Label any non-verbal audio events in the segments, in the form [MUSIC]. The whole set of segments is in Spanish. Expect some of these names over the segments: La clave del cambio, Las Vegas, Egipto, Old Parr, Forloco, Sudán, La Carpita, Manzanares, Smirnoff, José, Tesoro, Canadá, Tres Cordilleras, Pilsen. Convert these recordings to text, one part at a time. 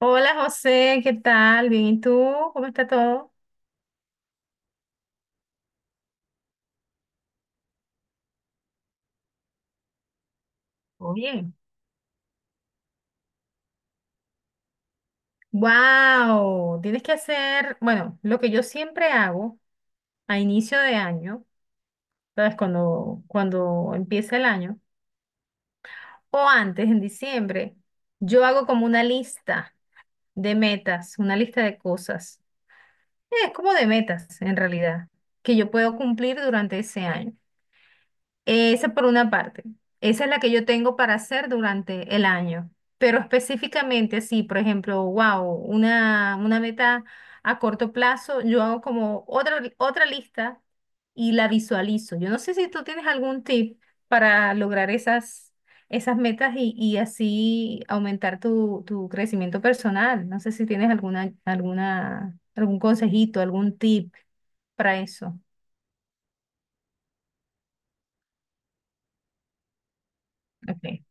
Hola José, ¿qué tal? Bien, ¿y tú? ¿Cómo está todo? Todo bien. ¡Wow! Tienes que hacer, bueno, lo que yo siempre hago a inicio de año, ¿sabes? Cuando empieza el año, o antes, en diciembre, yo hago como una lista de metas, una lista de cosas. Es como de metas, en realidad, que yo puedo cumplir durante ese año. Esa por una parte. Esa es la que yo tengo para hacer durante el año. Pero específicamente, sí, por ejemplo, wow, una meta a corto plazo, yo hago como otra lista y la visualizo. Yo no sé si tú tienes algún tip para lograr esas metas y así aumentar tu crecimiento personal. No sé si tienes algún consejito, algún tip para eso. Okay.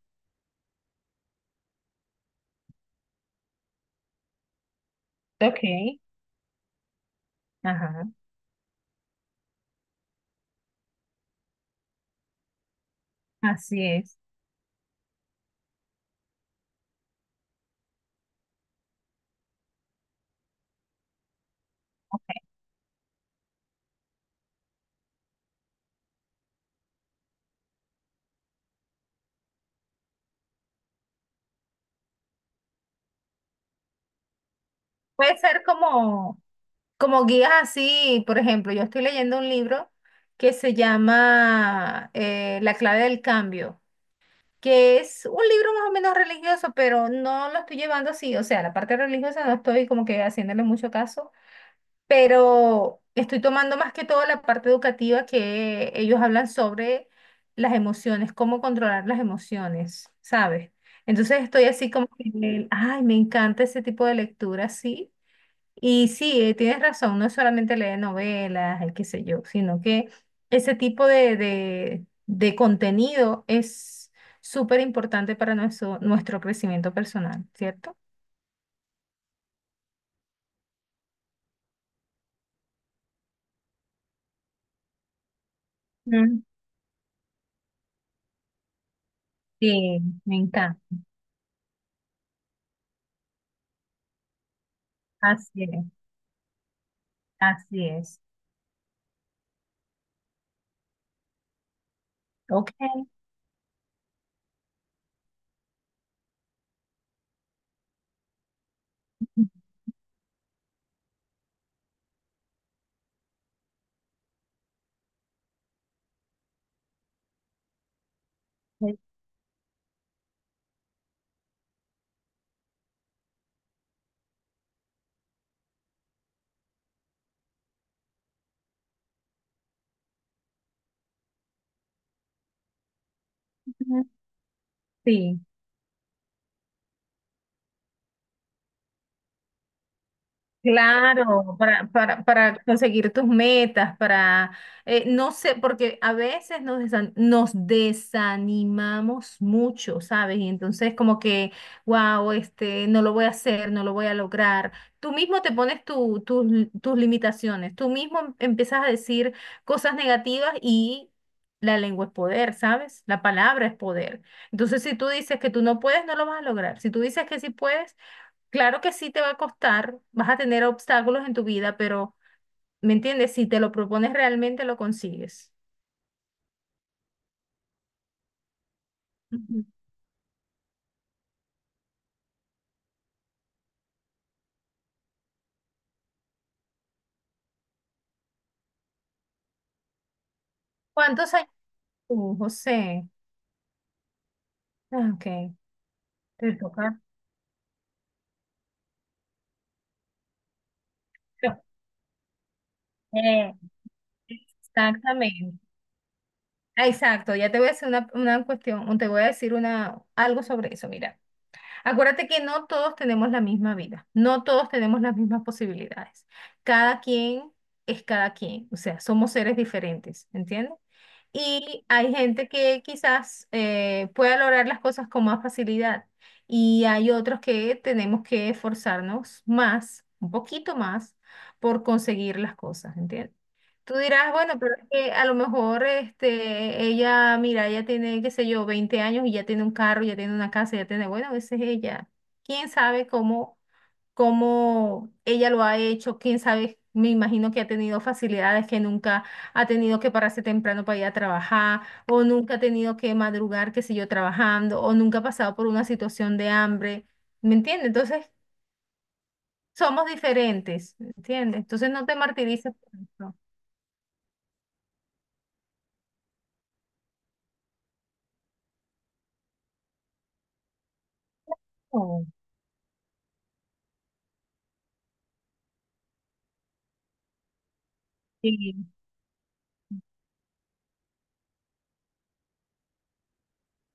Okay. Ajá. Así es. Puede ser como, como guías así, por ejemplo, yo estoy leyendo un libro que se llama La clave del cambio, que es un libro más o menos religioso, pero no lo estoy llevando así, o sea, la parte religiosa no estoy como que haciéndole mucho caso, pero estoy tomando más que todo la parte educativa que ellos hablan sobre las emociones, cómo controlar las emociones, ¿sabes? Entonces estoy así como que, me- ay, me encanta ese tipo de lectura, sí. Y sí, tienes razón, no es solamente leer novelas, el qué sé yo, sino que ese tipo de contenido es súper importante para nuestro crecimiento personal, ¿cierto? Mm, sí, me encanta. Así es, así es. Ok. Sí, claro, para conseguir tus metas, para, no sé, porque a veces nos desanimamos mucho, ¿sabes? Y entonces como que, wow, este, no lo voy a hacer, no lo voy a lograr. Tú mismo te pones tus limitaciones, tú mismo empiezas a decir cosas negativas y la lengua es poder, ¿sabes? La palabra es poder. Entonces, si tú dices que tú no puedes, no lo vas a lograr. Si tú dices que sí puedes. Claro que sí te va a costar, vas a tener obstáculos en tu vida, pero, ¿me entiendes? Si te lo propones realmente lo consigues. Ujú. ¿Cuántos años tú, José? Ah, ok, te toca. [LAUGHS] No, eh, exactamente. Ah, exacto, ya te voy a hacer una cuestión, o te voy a decir una, algo sobre eso. Mira, acuérdate que no todos tenemos la misma vida, no todos tenemos las mismas posibilidades. Cada quien es cada quien, o sea, somos seres diferentes, ¿entiendes? Y hay gente que quizás pueda lograr las cosas con más facilidad. Y hay otros que tenemos que esforzarnos más, un poquito más, por conseguir las cosas, ¿entiendes? Tú dirás, bueno, pero es que a lo mejor este, ella, mira, ella tiene, qué sé yo, 20 años y ya tiene un carro, ya tiene una casa, ya tiene, bueno, a veces ella, quién sabe cómo, cómo ella lo ha hecho, quién sabe, me imagino que ha tenido facilidades que nunca ha tenido que pararse temprano para ir a trabajar, o nunca ha tenido que madrugar, qué sé yo, trabajando, o nunca ha pasado por una situación de hambre, ¿me entiendes? Entonces, somos diferentes, ¿me entiendes? Entonces, no te martirices por eso. No, sí.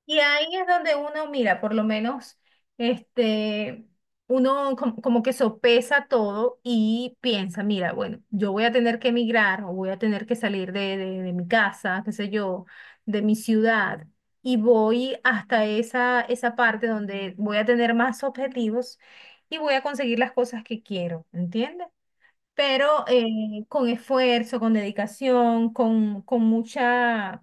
Y ahí es donde uno, mira, por lo menos, este, uno como que sopesa todo y piensa, mira, bueno, yo voy a tener que emigrar o voy a tener que salir de mi casa, qué sé yo, de mi ciudad, y voy hasta esa parte donde voy a tener más objetivos y voy a conseguir las cosas que quiero, ¿entiendes? Pero con esfuerzo, con dedicación, con mucha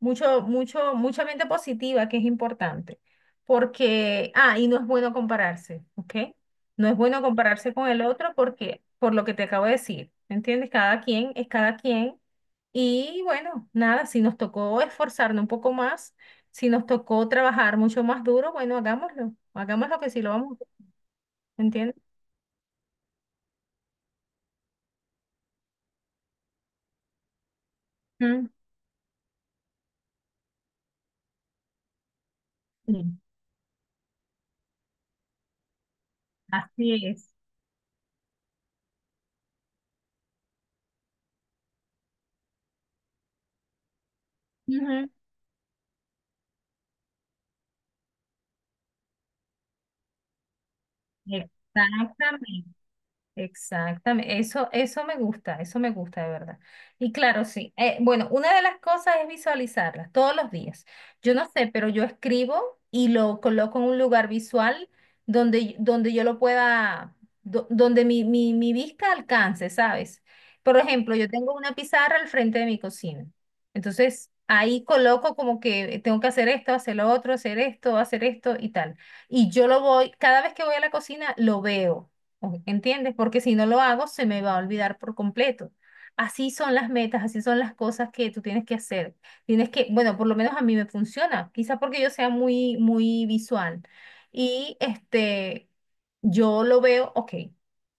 mucho, mucho, mucha mente positiva que es importante, porque, ah, y no es bueno compararse, ¿ok? No es bueno compararse con el otro porque, por lo que te acabo de decir, ¿me entiendes? Cada quien es cada quien y bueno, nada, si nos tocó esforzarnos un poco más, si nos tocó trabajar mucho más duro, bueno, hagámoslo, hagámoslo que sí lo vamos a hacer, ¿me entiendes? Ujú, sí, así es. Ujú. Exactamente. Exactamente, eso, eso me gusta de verdad. Y claro, sí. Bueno, una de las cosas es visualizarlas todos los días. Yo no sé, pero yo escribo y lo coloco en un lugar visual donde, donde yo lo pueda, donde mi vista alcance, ¿sabes? Por ejemplo, yo tengo una pizarra al frente de mi cocina. Entonces, ahí coloco como que tengo que hacer esto, hacer lo otro, hacer esto y tal. Y yo lo voy, cada vez que voy a la cocina, lo veo. ¿Entiendes? Porque si no lo hago, se me va a olvidar por completo. Así son las metas, así son las cosas que tú tienes que hacer. Tienes que, bueno, por lo menos a mí me funciona, quizá porque yo sea muy, muy visual. Y este, yo lo veo, ok,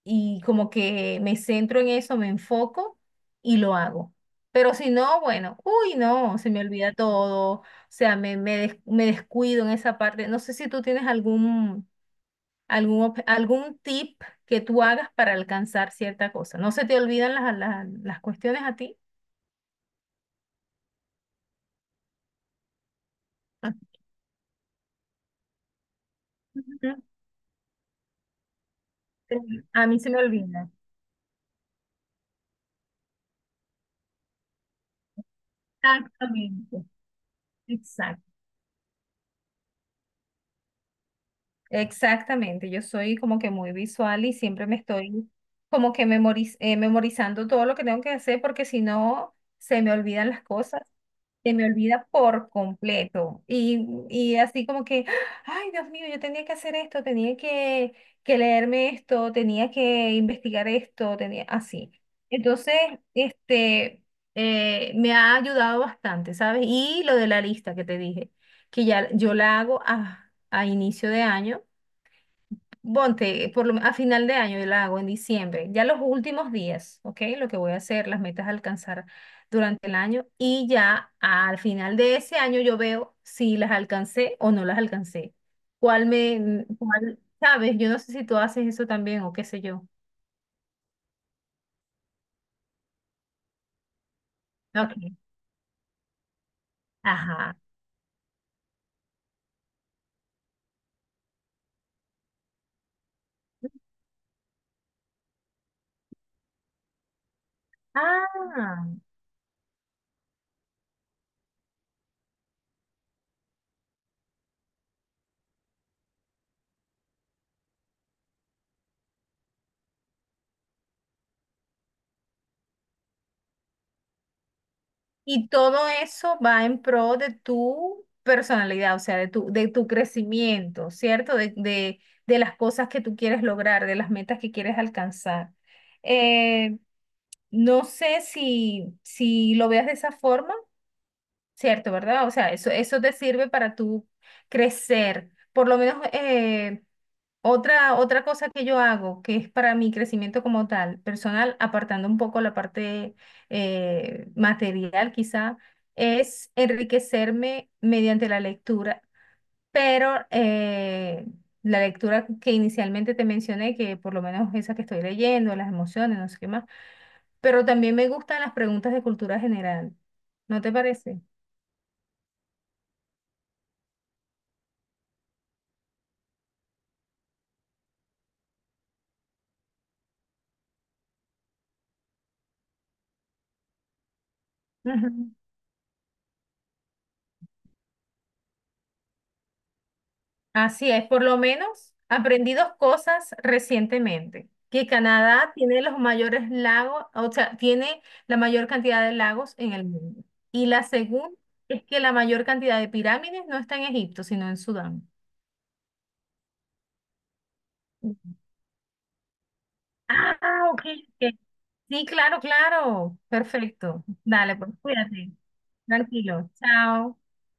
y como que me centro en eso, me enfoco y lo hago. Pero si no, bueno, uy, no, se me olvida todo, o sea, me, me descuido en esa parte. No sé si tú tienes algún algún tip que tú hagas para alcanzar cierta cosa. ¿No se te olvidan las cuestiones a ti? Ujú. Eh, A mí se me olvida. Exactamente. Exacto. Exactamente. Yo soy como que muy visual y siempre me estoy como que memorizando todo lo que tengo que hacer porque si no, se me olvidan las cosas, se me olvida por completo. Y así como que, ay, Dios mío, yo tenía que hacer esto, tenía que, leerme esto, tenía que investigar esto, tenía así. Entonces, este, me ha ayudado bastante, ¿sabes? Y lo de la lista que te dije, que ya yo la hago a inicio de año. Ponte, a final de año yo la hago en diciembre, ya los últimos días, ¿ok? Lo que voy a hacer, las metas a alcanzar durante el año y ya al final de ese año yo veo si las alcancé o no las alcancé. ¿Cuál me, cuál, sabes? Yo no sé si tú haces eso también o qué sé yo. Ok. Ajá. Ah. Y todo eso va en pro de tu personalidad, o sea, de tu crecimiento, ¿cierto? De las cosas que tú quieres lograr, de las metas que quieres alcanzar. Eh, no sé si lo veas de esa forma, ¿cierto? ¿Verdad? O sea, eso te sirve para tú crecer. Por lo menos, otra cosa que yo hago, que es para mi crecimiento como tal, personal, apartando un poco la parte material quizá, es enriquecerme mediante la lectura, pero la lectura que inicialmente te mencioné, que por lo menos esa que estoy leyendo, las emociones, no sé qué más, pero también me gustan las preguntas de cultura general, ¿no te parece? Ujú. Así es, por lo menos aprendí dos cosas recientemente, que Canadá tiene los mayores lagos, o sea, tiene la mayor cantidad de lagos en el mundo. Y la segunda es que la mayor cantidad de pirámides no está en Egipto, sino en Sudán. Ah, ok. Ok. Sí, claro, claro. Perfecto. Dale, pues cuídate. Tranquilo. Chao.